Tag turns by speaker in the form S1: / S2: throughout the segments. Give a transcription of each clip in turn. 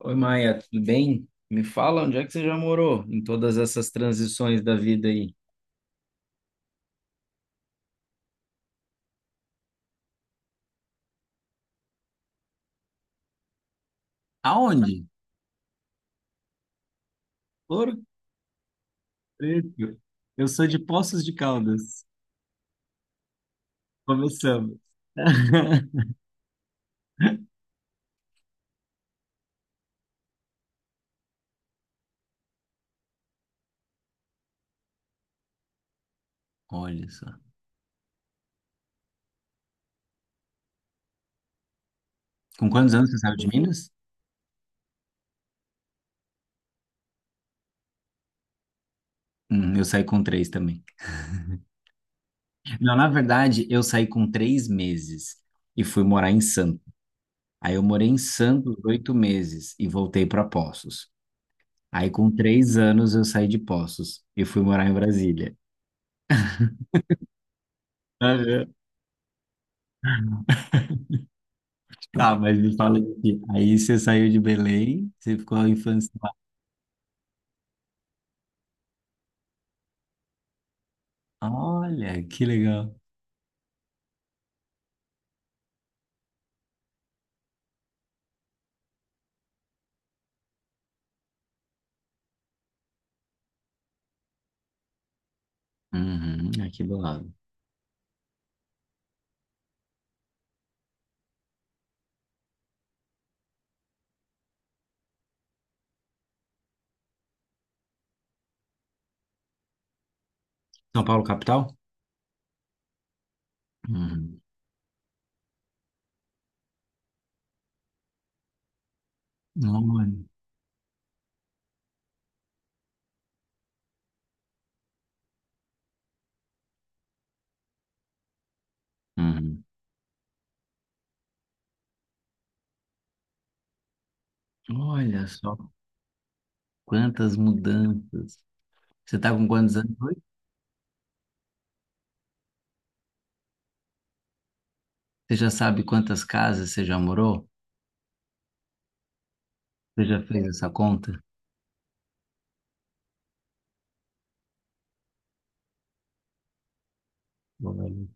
S1: Oi, Maia, tudo bem? Me fala onde é que você já morou em todas essas transições da vida aí? Aonde? Ouro Preto. Eu sou de Poços de Caldas. Começamos. Olha só. Com quantos anos você saiu de Minas? Eu saí com três também. Não, na verdade, eu saí com 3 meses e fui morar em Santos. Aí eu morei em Santos 8 meses e voltei para Poços. Aí com 3 anos eu saí de Poços e fui morar em Brasília. Tá, mas me fala aqui. Aí você saiu de Belém, você ficou a infância lá. Olha, que legal. Uhum, é aqui do lado. São Paulo, capital? Uhum. Olha, uhum. Olha só quantas mudanças. Você tá com quantos anos hoje? Você já sabe quantas casas você já morou? Você já fez essa conta? Olha.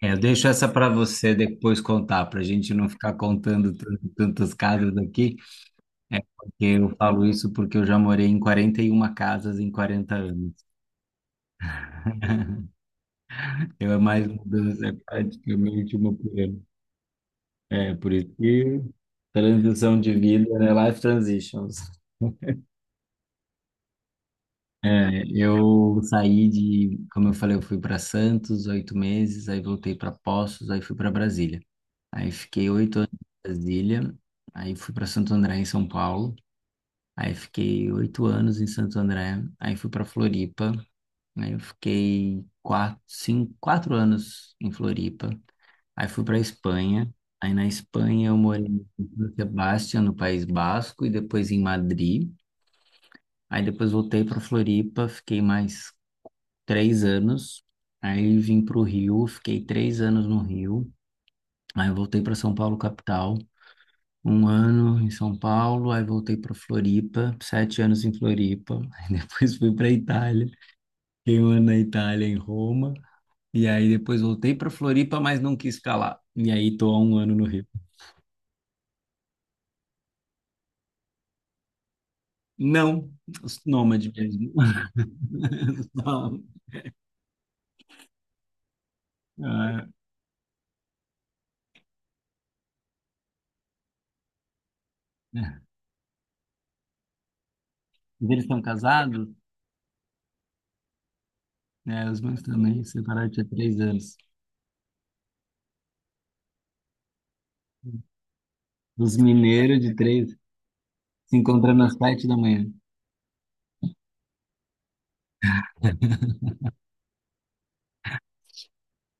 S1: É, eu deixo essa para você depois contar, para a gente não ficar contando tantas casas aqui. É porque eu falo isso porque eu já morei em 41 casas em 40 anos. Eu é mais mudança, é praticamente uma por ano. É, por isso que transição de vida, né? Life transitions. É, eu saí de, como eu falei, eu fui para Santos 8 meses, aí voltei para Poços, aí fui para Brasília. Aí fiquei 8 anos em Brasília, aí fui para Santo André, em São Paulo. Aí fiquei 8 anos em Santo André, aí fui para Floripa, aí eu fiquei quatro, cinco, quatro anos em Floripa. Aí fui para Espanha. Aí na Espanha eu morei em São Sebastião, no País Basco, e depois em Madrid. Aí depois voltei para Floripa, fiquei mais 3 anos. Aí vim para o Rio, fiquei 3 anos no Rio. Aí eu voltei para São Paulo, capital. Um ano em São Paulo, aí voltei para Floripa, 7 anos em Floripa. Aí depois fui para Itália, fiquei um ano na Itália, em Roma. E aí depois voltei para Floripa, mas não quis ficar lá. E aí tô há um ano no Rio. Não, os nômade mesmo. Não. Ah, né. Eles são casados, né? Os meus também se separaram tinha 3 anos. Os mineiros de três se encontrando às 7 da manhã.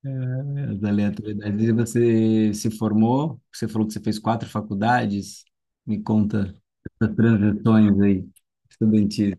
S1: É, as aleatoriedades. E você se formou? Você falou que você fez quatro faculdades? Me conta essas transições aí, estudantis.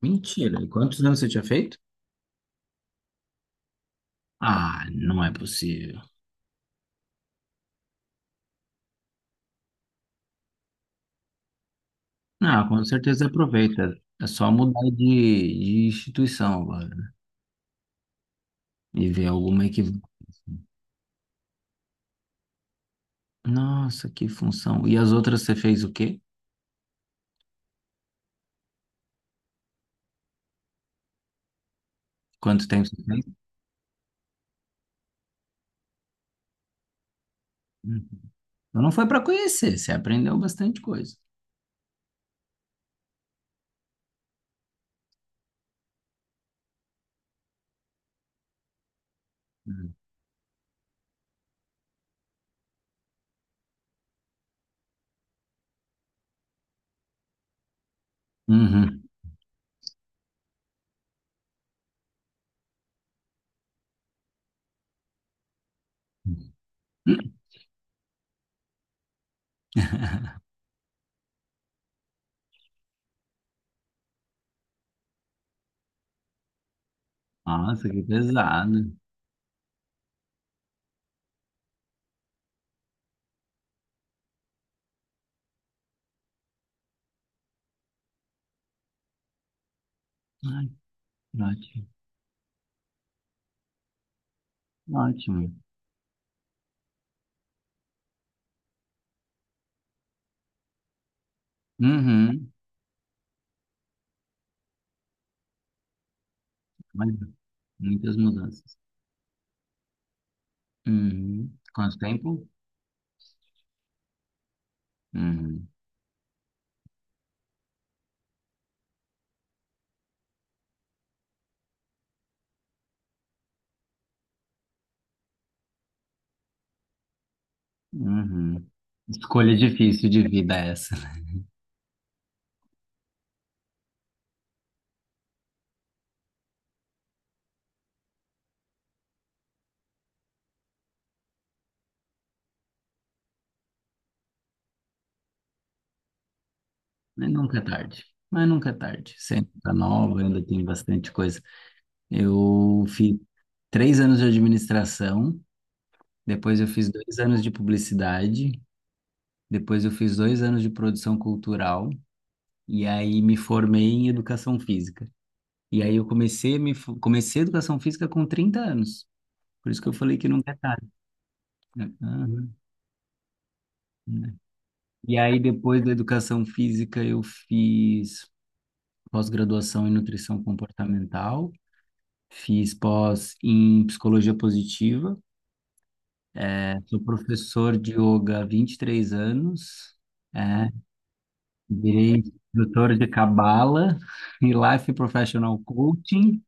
S1: Mentira, e quantos anos você tinha feito? Ah, não é possível. Ah, com certeza aproveita. É só mudar de instituição agora. Né? E ver alguma que. Nossa, que função. E as outras você fez o quê? Quanto tempo você fez? Uhum. Então não foi para conhecer, você aprendeu bastante coisa. Uhum. Uhum. Nossa, que pesado. Ai, ótimo. Ótimo. Uhum. Olha, muitas mudanças. Uhum. Quanto tempo? Uhum. Uhum. Escolha difícil de vida essa. Mas nunca é tarde. Mas nunca é tarde. Sempre tá nova, ainda tem bastante coisa. Eu fiz 3 anos de administração, depois eu fiz 2 anos de publicidade, depois eu fiz 2 anos de produção cultural, e aí me formei em educação física. E aí eu comecei a educação física com 30 anos. Por isso que eu falei que não. Aham. E aí, depois da educação física, eu fiz pós-graduação em nutrição comportamental, fiz pós em psicologia positiva. Sou professor de yoga há 23 anos, é, virei instrutor de Kabbalah e Life Professional Coaching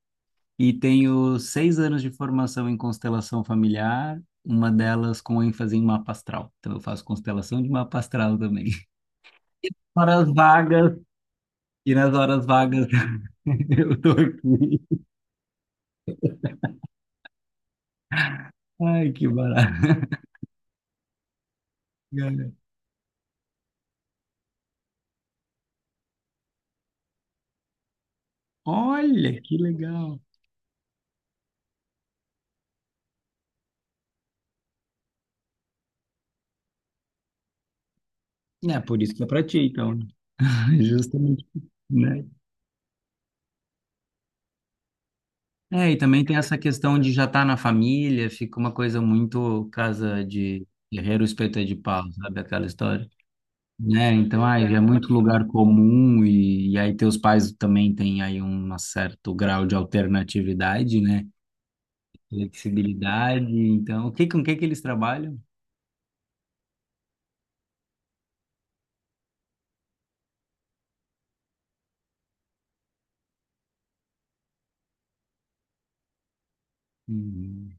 S1: e tenho 6 anos de formação em constelação familiar, uma delas com ênfase em mapa astral. Então eu faço constelação de mapa astral também. Horas vagas, e nas horas vagas eu tô aqui. Ai, que barato. Olha, que legal. É por isso que é pra ti, então, justamente, né? É, e também tem essa questão de já estar na família, fica uma coisa muito casa de guerreiro espeto é de pau, sabe aquela história? Né? Então, ai é muito lugar comum e aí teus pais também têm aí um certo grau de alternatividade, né? Flexibilidade. Então, o que, com o que que eles trabalham? Uhum.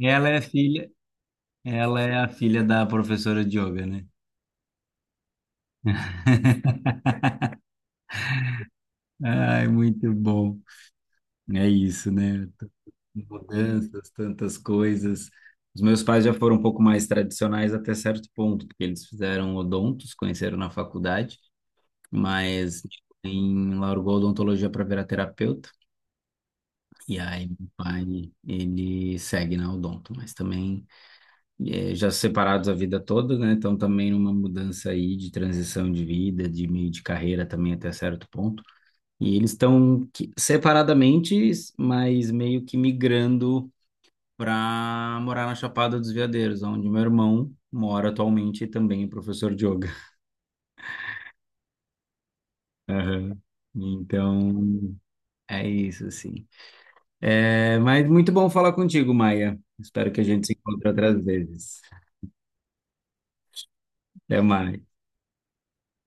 S1: Ela é filha, ela é a filha da professora de yoga, né? Ai, muito bom. É isso, né? Mudanças, tantas coisas. Os meus pais já foram um pouco mais tradicionais até certo ponto, porque eles fizeram odontos, conheceram na faculdade, mas em largou a odontologia para virar terapeuta. E aí, meu pai, ele segue na odonto, mas também já separados a vida toda, né? Então, também uma mudança aí de transição de vida, de meio de carreira também até certo ponto. E eles estão separadamente, mas meio que migrando para morar na Chapada dos Veadeiros, onde meu irmão mora atualmente e também é professor de yoga. Aham. Então, é isso, assim. É, mas muito bom falar contigo, Maia. Espero que a gente se encontre outras vezes. Até mais.